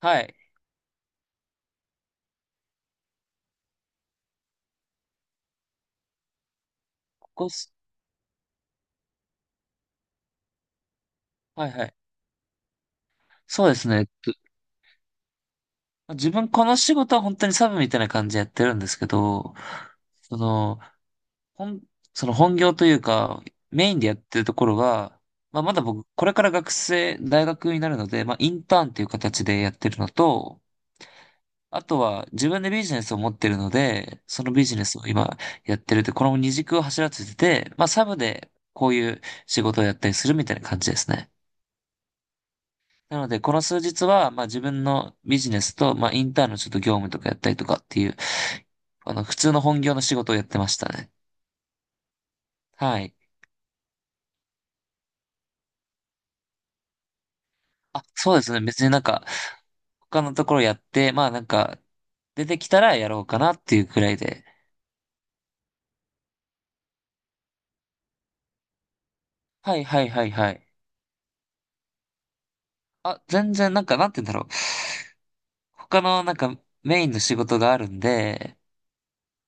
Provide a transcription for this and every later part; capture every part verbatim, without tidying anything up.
はい。ここす、はいはい。そうですね。と自分この仕事は本当にサブみたいな感じでやってるんですけど、その、本、その本業というか、メインでやってるところが、まあまだ僕、これから学生、大学になるので、まあインターンっていう形でやってるのと、あとは自分でビジネスを持ってるので、そのビジネスを今やってるって、この二軸を走らせてて、まあサブでこういう仕事をやったりするみたいな感じですね。なので、この数日は、まあ自分のビジネスと、まあインターンのちょっと業務とかやったりとかっていう、あの、普通の本業の仕事をやってましたね。はい。あ、そうですね。別になんか、他のところやって、まあなんか、出てきたらやろうかなっていうくらいで。はいはいはいはい。あ、全然なんか、なんて言うんだろう。他のなんか、メインの仕事があるんで、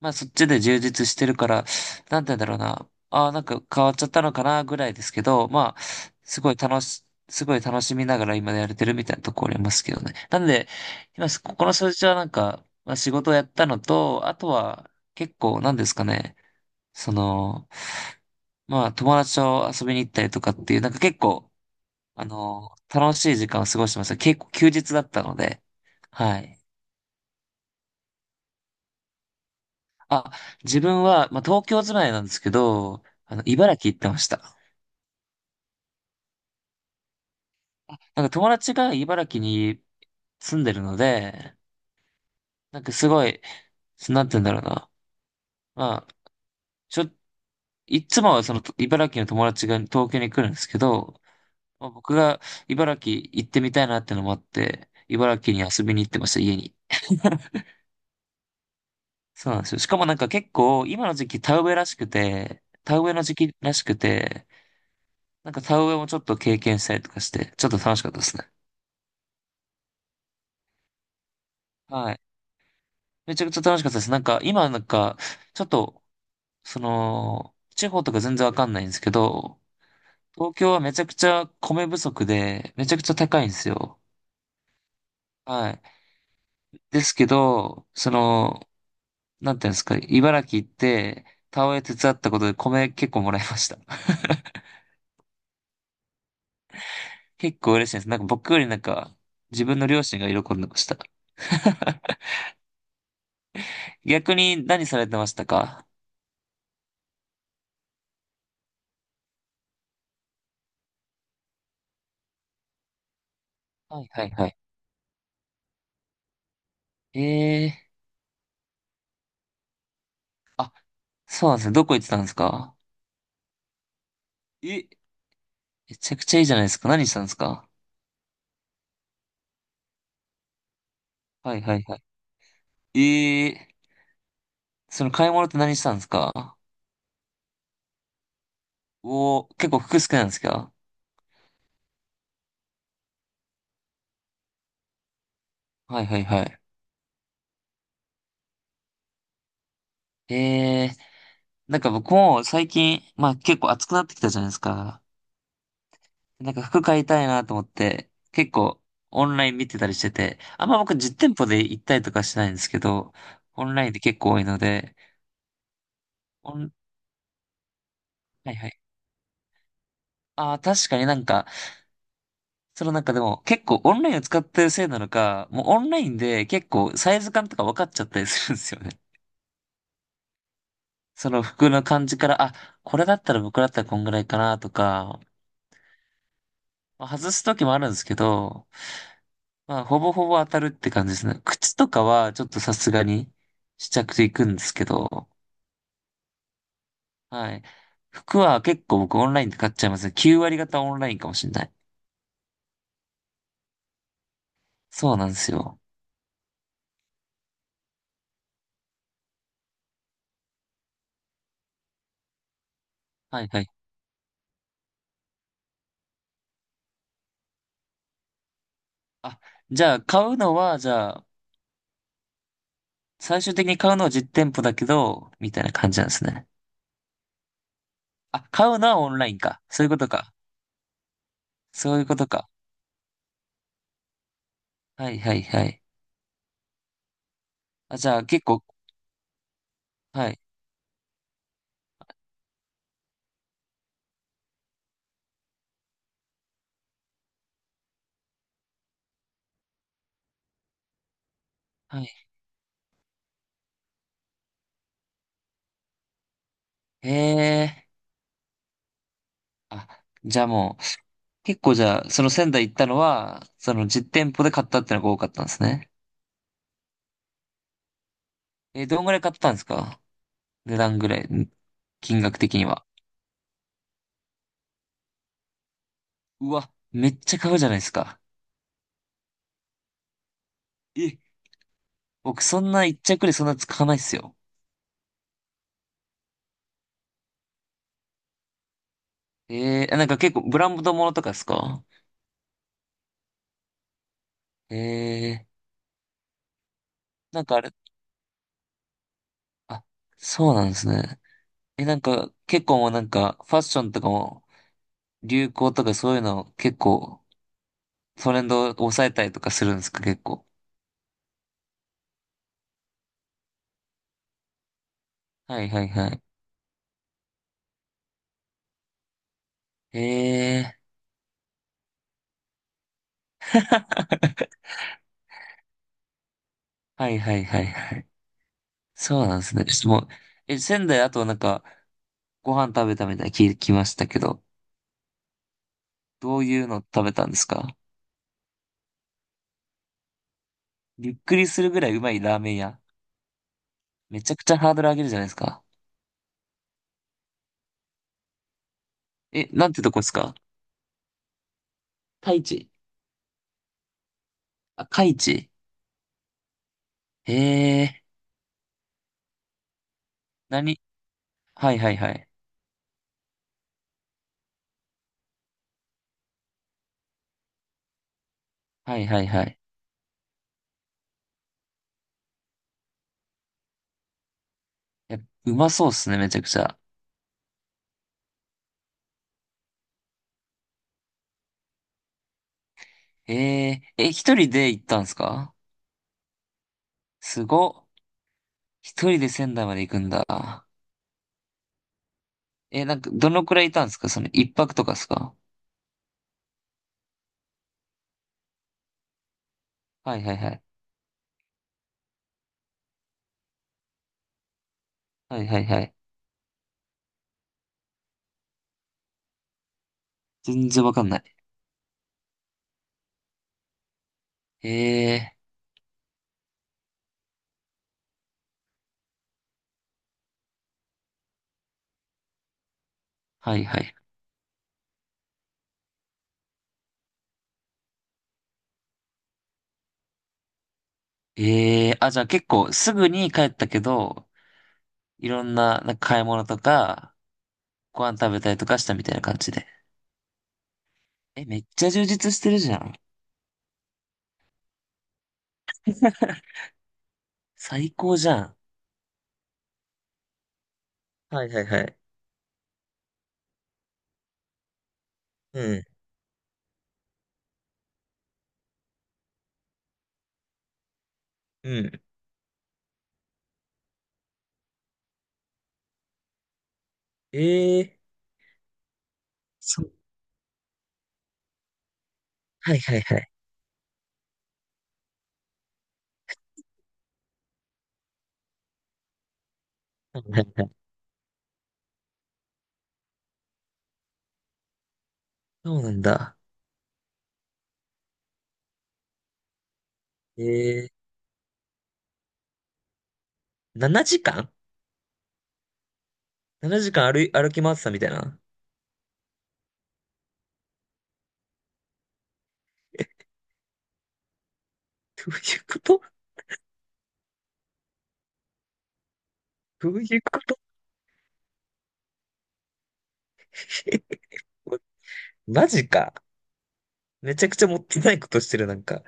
まあそっちで充実してるから、なんて言うんだろうな。ああ、なんか変わっちゃったのかなぐらいですけど、まあ、すごい楽し、すごい楽しみながら今やれてるみたいなところありますけどね。なんで、今、ここの数字はなんか、まあ仕事をやったのと、あとは結構なんですかね、その、まあ友達と遊びに行ったりとかっていう、なんか結構、あの、楽しい時間を過ごしてました。結構休日だったので、はい。あ、自分は、まあ、東京住まいなんですけど、あの、茨城行ってました。あ、なんか友達が茨城に住んでるので、なんかすごい、なんて言うんだろうな。まあ、ちょ、いつもはその茨城の友達が東京に来るんですけど、まあ、僕が茨城行ってみたいなってのもあって、茨城に遊びに行ってました、家に。そうなんですよ。しかもなんか結構、今の時期田植えらしくて、田植えの時期らしくて、なんか田植えもちょっと経験したりとかして、ちょっと楽しかったですね。はい。めちゃくちゃ楽しかったです。なんか、今なんか、ちょっと、その、地方とか全然わかんないんですけど、東京はめちゃくちゃ米不足で、めちゃくちゃ高いんですよ。はい。ですけど、その、なんていうんですか、茨城行って、田植え手伝ったことで米結構もらいました。結構嬉しいです。なんか僕よりなんか、自分の両親が喜んでました。逆に何されてましたか？はいはいはい。ええー、あ、そうなんですね。どこ行ってたんですか？え、めちゃくちゃいいじゃないですか。何したんですか？はいはいはい。ええー、その買い物って何したんですか？おー、結構服好きなんですか？はいはいはい。ええー、なんか僕も最近、まあ結構暑くなってきたじゃないですか。なんか服買いたいなと思って、結構オンライン見てたりしてて、あんま僕実店舗で行ったりとかしてないんですけど、オンラインで結構多いので、オン、はいはい。ああ、確かになんか、そのなんかでも結構オンラインを使ってるせいなのか、もうオンラインで結構サイズ感とか分かっちゃったりするんですよね。その服の感じから、あ、これだったら僕だったらこんぐらいかなとか、まあ外す時もあるんですけど、まあほぼほぼ当たるって感じですね。靴とかはちょっとさすがに試着で行くんですけど、はい。服は結構僕オンラインで買っちゃいますね。きゅう割方オンラインかもしれない。そうなんですよ。はいはい。あ、じゃあ買うのは、じゃあ最終的に買うのは実店舗だけど、みたいな感じなんですね。あ、買うのはオンラインか。そういうことか。そういうことか。はいはいはい。あ、じゃあ結構、はい、はい。へえ。あ、じゃあもう、結構じゃあ、その仙台行ったのは、その実店舗で買ったってのが多かったんですね。え、どんぐらい買ったんですか？値段ぐらい、ん金額的には。うわ、めっちゃ買うじゃないですか。え、僕そんな一着でそんな使わないっすよ。えー、なんか結構ブランドものとかですか？えー、なんかあれ、あ、そうなんですね。え、なんか、結構もうなんか、ファッションとかも、流行とかそういうの結構、トレンドを抑えたりとかするんですか、結構。はいはいはい。ええー。 はいはいはいはい。そうなんですね。ちょっともう、え、仙台あとなんか、ご飯食べたみたいに聞きましたけど、どういうの食べたんですか？びっくりするぐらいうまいラーメン屋。めちゃくちゃハードル上げるじゃないですか。え、なんてとこですか？太一。あ、海地。ええー。何？はいはいはい。はいはいはい。え、うまそうっすね、めちゃくちゃ。えええ、一人で行ったんすか？すごっ。一人で仙台まで行くんだ。え、なんか、どのくらいいたんですか？その一泊とかですか？はいはいはい。はいはいはい。全然わかんない。ええ。はいはい。ええ、あ、じゃあ結構すぐに帰ったけど、いろんな、なんか買い物とか、ご飯食べたりとかしたみたいな感じで。え、めっちゃ充実してるじゃん。最高じゃん。はいはいはい。うん。うん。ええ、そう。はいはいはい。はいはいはい。そうなんだ。えー、ななじかん？ ななじかん 時間歩い、歩き回ってたみたいな。どういうこと？どういうこと？ マジか。めちゃくちゃもったいないことしてる、なんか。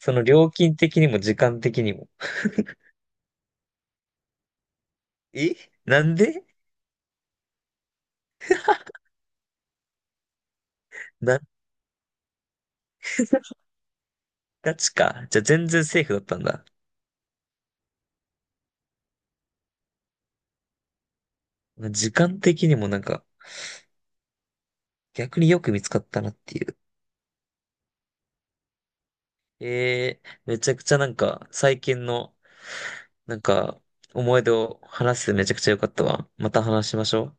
その料金的にも時間的にも。え、なんで？なんで？ ガチか。じゃあ全然セーフだったんだ。時間的にもなんか、逆によく見つかったなっていう。えー、めちゃくちゃなんか、最近のなんか、思い出を話すめちゃくちゃ良かったわ。また話しましょう。